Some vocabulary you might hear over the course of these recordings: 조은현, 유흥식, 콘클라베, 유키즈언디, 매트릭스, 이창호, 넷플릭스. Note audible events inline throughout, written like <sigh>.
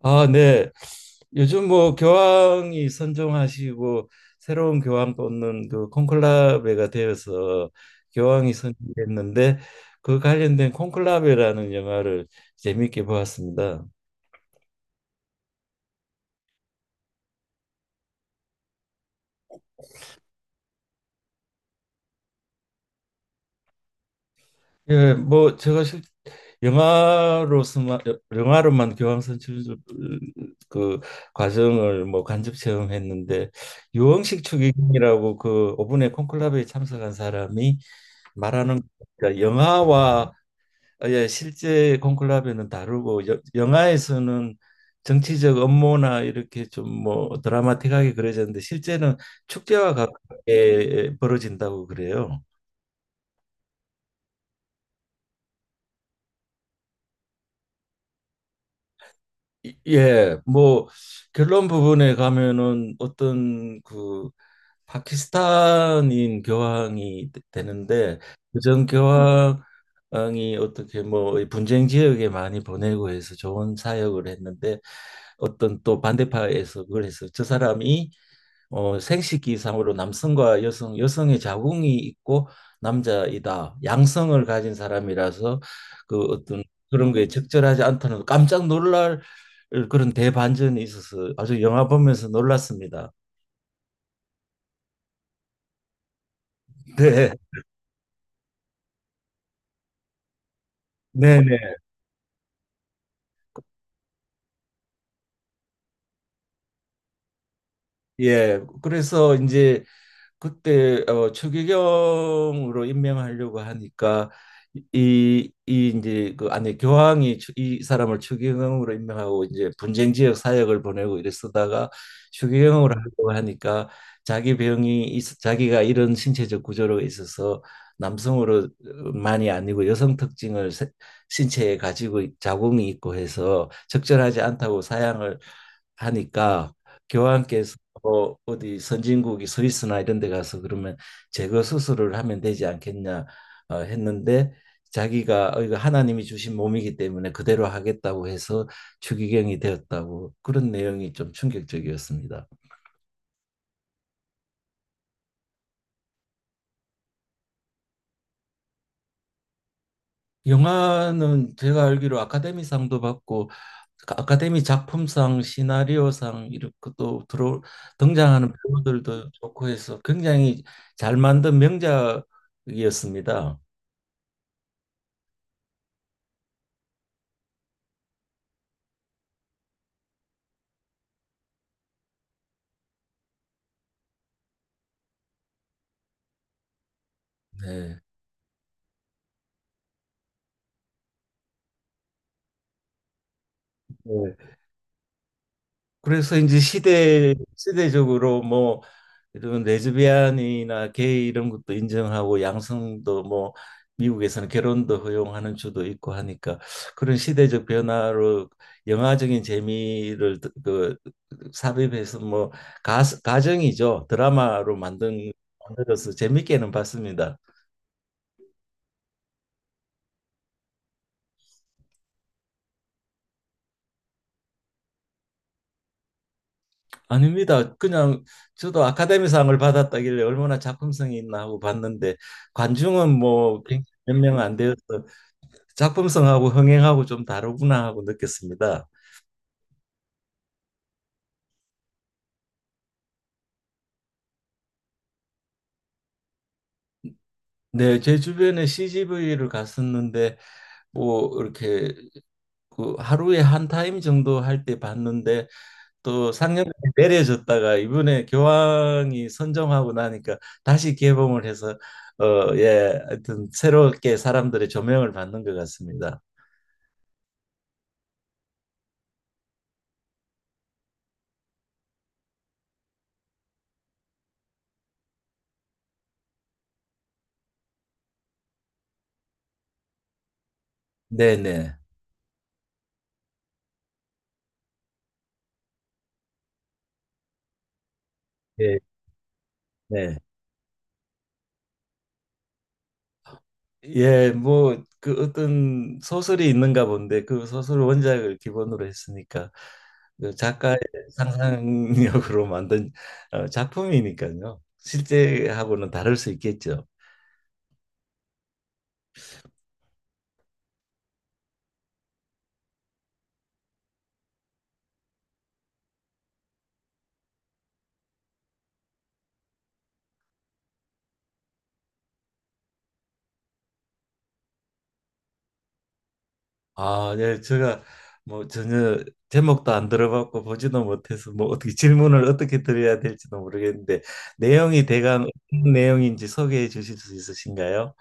아, 네. 요즘 뭐 교황이 선종하시고 새로운 교황 뽑는 그 콘클라베가 되어서 교황이 선정됐는데 그 관련된 콘클라베라는 영화를 재미있게 보았습니다. 예, 뭐 제가 실 영화로서만 영화로만 교황 선출 그 과정을 뭐 간접 체험했는데, 유흥식 추기경이라고 그 오분의 콘클라베에 참석한 사람이 말하는, 그러니까 영화와, 아, 예, 실제 콘클라베는 다르고 영화에서는 정치적 업무나 이렇게 좀 뭐 드라마틱하게 그려졌는데, 실제는 축제와 가깝게 벌어진다고 그래요. 예, 뭐 결론 부분에 가면은 어떤 그 파키스탄인 교황이 되는데, 그전 교황이 어떻게 뭐이 분쟁 지역에 많이 보내고 해서 좋은 사역을 했는데, 어떤 또 반대파에서 그걸 해서 저 사람이 생식기상으로 남성과 여성, 여성의 자궁이 있고 남자이다. 양성을 가진 사람이라서 그 어떤 그런 거에 적절하지 않다는, 깜짝 놀랄 그런 대반전이 있어서 아주 영화 보면서 놀랐습니다. 네, <laughs> 네, 네. 예, 그래서 이제 그때 추기경으로 임명하려고 하니까, 이, 이 이제 그 안에 교황이 이 사람을 추기경으로 임명하고 이제 분쟁 지역 사역을 보내고 이래 쓰다가, 추기경으로 하려고 하니까, 자기가 이런 신체적 구조로 있어서 남성으로 만이 아니고 여성 특징을 신체에 가지고 자궁이 있고 해서 적절하지 않다고 사양을 하니까, 교황께서 뭐 어디 선진국이 스위스나 이런 데 가서 그러면 제거 수술을 하면 되지 않겠냐, 했는데, 자기가 어, 이거 하나님이 주신 몸이기 때문에 그대로 하겠다고 해서 추기경이 되었다고. 그런 내용이 좀 충격적이었습니다. 영화는 제가 알기로 아카데미상도 받고 그 아카데미 작품상, 시나리오상 이렇게 또 들어 등장하는 배우들도 좋고 해서 굉장히 잘 만든 명작이었습니다. 네. 네. 그래서 이제 시대적으로 뭐 이런 레즈비안이나 게이 이런 것도 인정하고 양성도 뭐 미국에서는 결혼도 허용하는 주도 있고 하니까, 그런 시대적 변화로 영화적인 재미를 그 삽입해서 뭐 가정이죠, 드라마로 만든 만들어서 재밌게는 봤습니다. 아닙니다. 그냥 저도 아카데미상을 받았다길래 얼마나 작품성이 있나 하고 봤는데, 관중은 뭐 몇 명 안 되어서 작품성하고 흥행하고 좀 다르구나 하고 느꼈습니다. 네, 제 주변에 CGV를 갔었는데 뭐 이렇게 그 하루에 한 타임 정도 할 때 봤는데, 또 상영이 내려졌다가 이번에 교황이 선정하고 나니까 다시 개봉을 해서, 어, 예, 하여튼 새롭게 사람들의 조명을 받는 것 같습니다. 네네. 예, 네. 예, 뭐, 그 어떤 소설이 있는가 본데 그 소설 원작을 기본으로 했으니까 그 작가의 상상력으로 <laughs> 만든, 어, 작품이니까요. 실제하고는 다를 수 있겠죠. 아, 예, 제가 뭐 전혀 제목도 안 들어봤고 보지도 못해서 뭐 어떻게 질문을 어떻게 드려야 될지도 모르겠는데, 내용이 대강 어떤 내용인지 소개해 주실 수 있으신가요?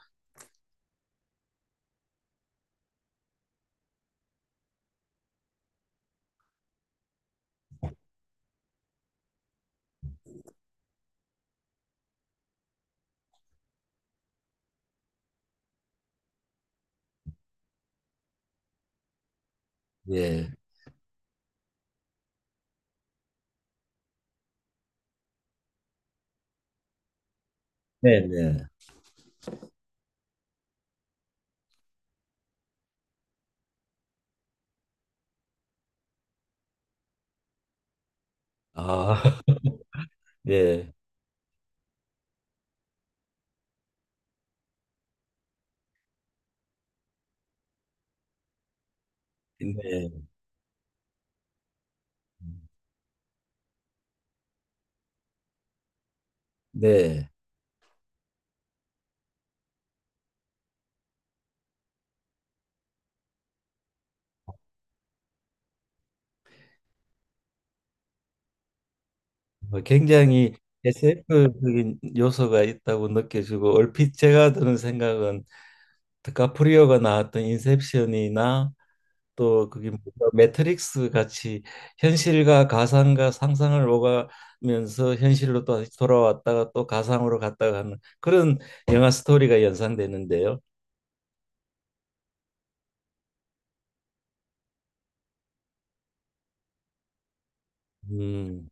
예. 네네. 아, <laughs> 예. 네. 네. 뭐 굉장히 SF적인 요소가 있다고 느껴지고, 얼핏 제가 드는 생각은 드카프리오가 나왔던 인셉션이나 또 그게 뭔가 매트릭스 같이 현실과 가상과 상상을 오가면서 현실로 또 다시 돌아왔다가 또 가상으로 갔다가 하는 그런 영화 스토리가 연상되는데요. 음,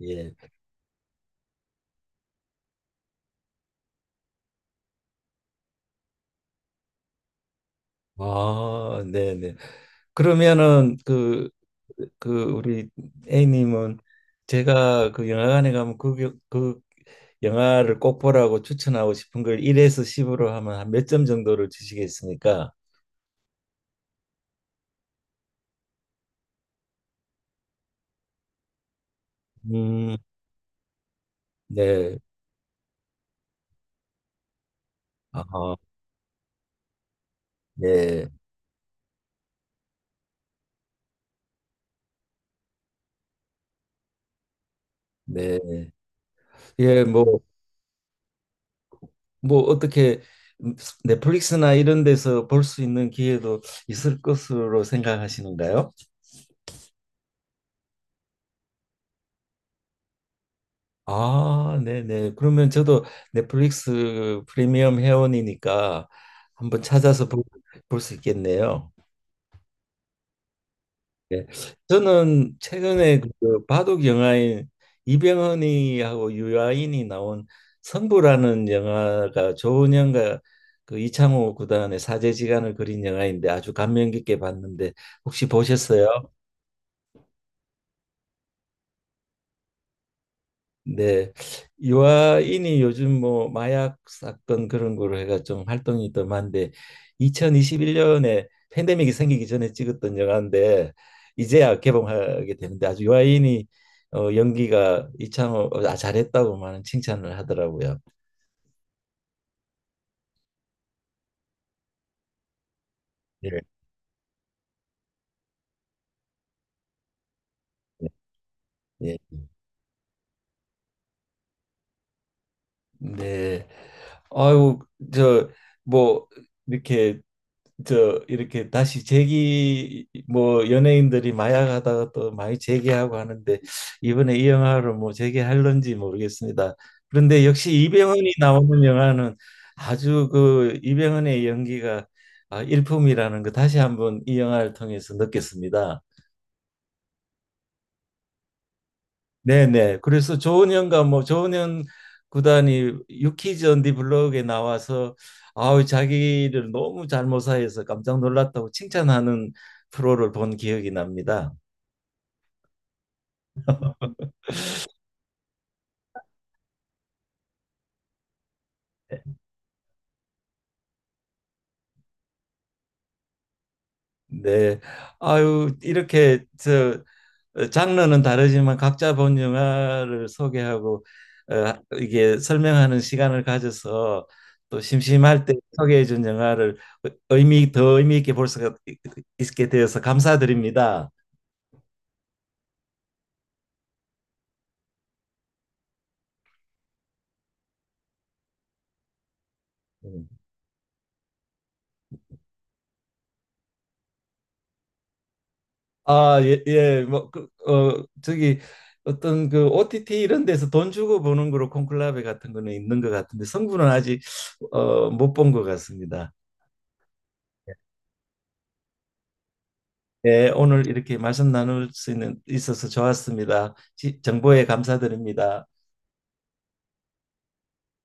예. 아, 네네. 그러면은 우리 A님은, 제가 그 영화관에 가면 그 영화를 꼭 보라고 추천하고 싶은 걸 1에서 10으로 하면 한 몇 점 정도를 주시겠습니까? 음, 네. 아, 네. 네. 예, 뭐 어떻게 넷플릭스나 이런 데서 볼 수 있는 기회도 있을 것으로 생각하시는가요? 아, 네네. 그러면 저도 넷플릭스 프리미엄 회원이니까 한번 찾아서 볼 수 있겠네요. 네. 저는 최근에 그 바둑 영화인 이병헌이하고 유아인이 나온 승부라는 영화가, 조은현과 그 이창호 구단의 사제지간을 그린 영화인데, 아주 감명 깊게 봤는데 혹시 보셨어요? 네. 유아인이 요즘 뭐 마약 사건 그런 거로 해가 좀 활동이 더 많은데, 2021년에 팬데믹이 생기기 전에 찍었던 영화인데 이제야 개봉하게 되는데, 아주 유아인이 어, 연기가 이창호 어, 아, 잘했다고 많은 칭찬을 하더라고요. 예. 예. 네. 아유 저 뭐 이렇게 이렇게 다시 재기, 뭐 연예인들이 마약하다가 또 많이 재기하고 하는데 이번에 이 영화를 뭐 재기할런지 모르겠습니다. 그런데 역시 이병헌이 나오는 영화는 아주 그 이병헌의 연기가 아, 일품이라는 거 다시 한번 이 영화를 통해서 느꼈습니다. 네네. 그래서 조은현 구단이 유키즈언디 블로그에 나와서 아우 자기를 너무 잘 모사해서 깜짝 놀랐다고 칭찬하는 프로를 본 기억이 납니다. 네. 네. 아유 장르는 다르지만 각자 본 영화를 소개하고, 어, 이게 설명하는 시간을 가져서 또 심심할 때 소개해 준 영화를 의미 있게 볼 수가 있게 되어서 감사드립니다. 음. 아, 예, 예. 뭐, 그, 어, 저기 어떤 그 OTT 이런 데서 돈 주고 보는 거로 콘클라베 같은 거는 있는 것 같은데, 성분은 아직 어, 못 본 것 같습니다. 예, 오늘 이렇게 말씀 나눌 수 있는 있어서 좋았습니다. 정보에 감사드립니다.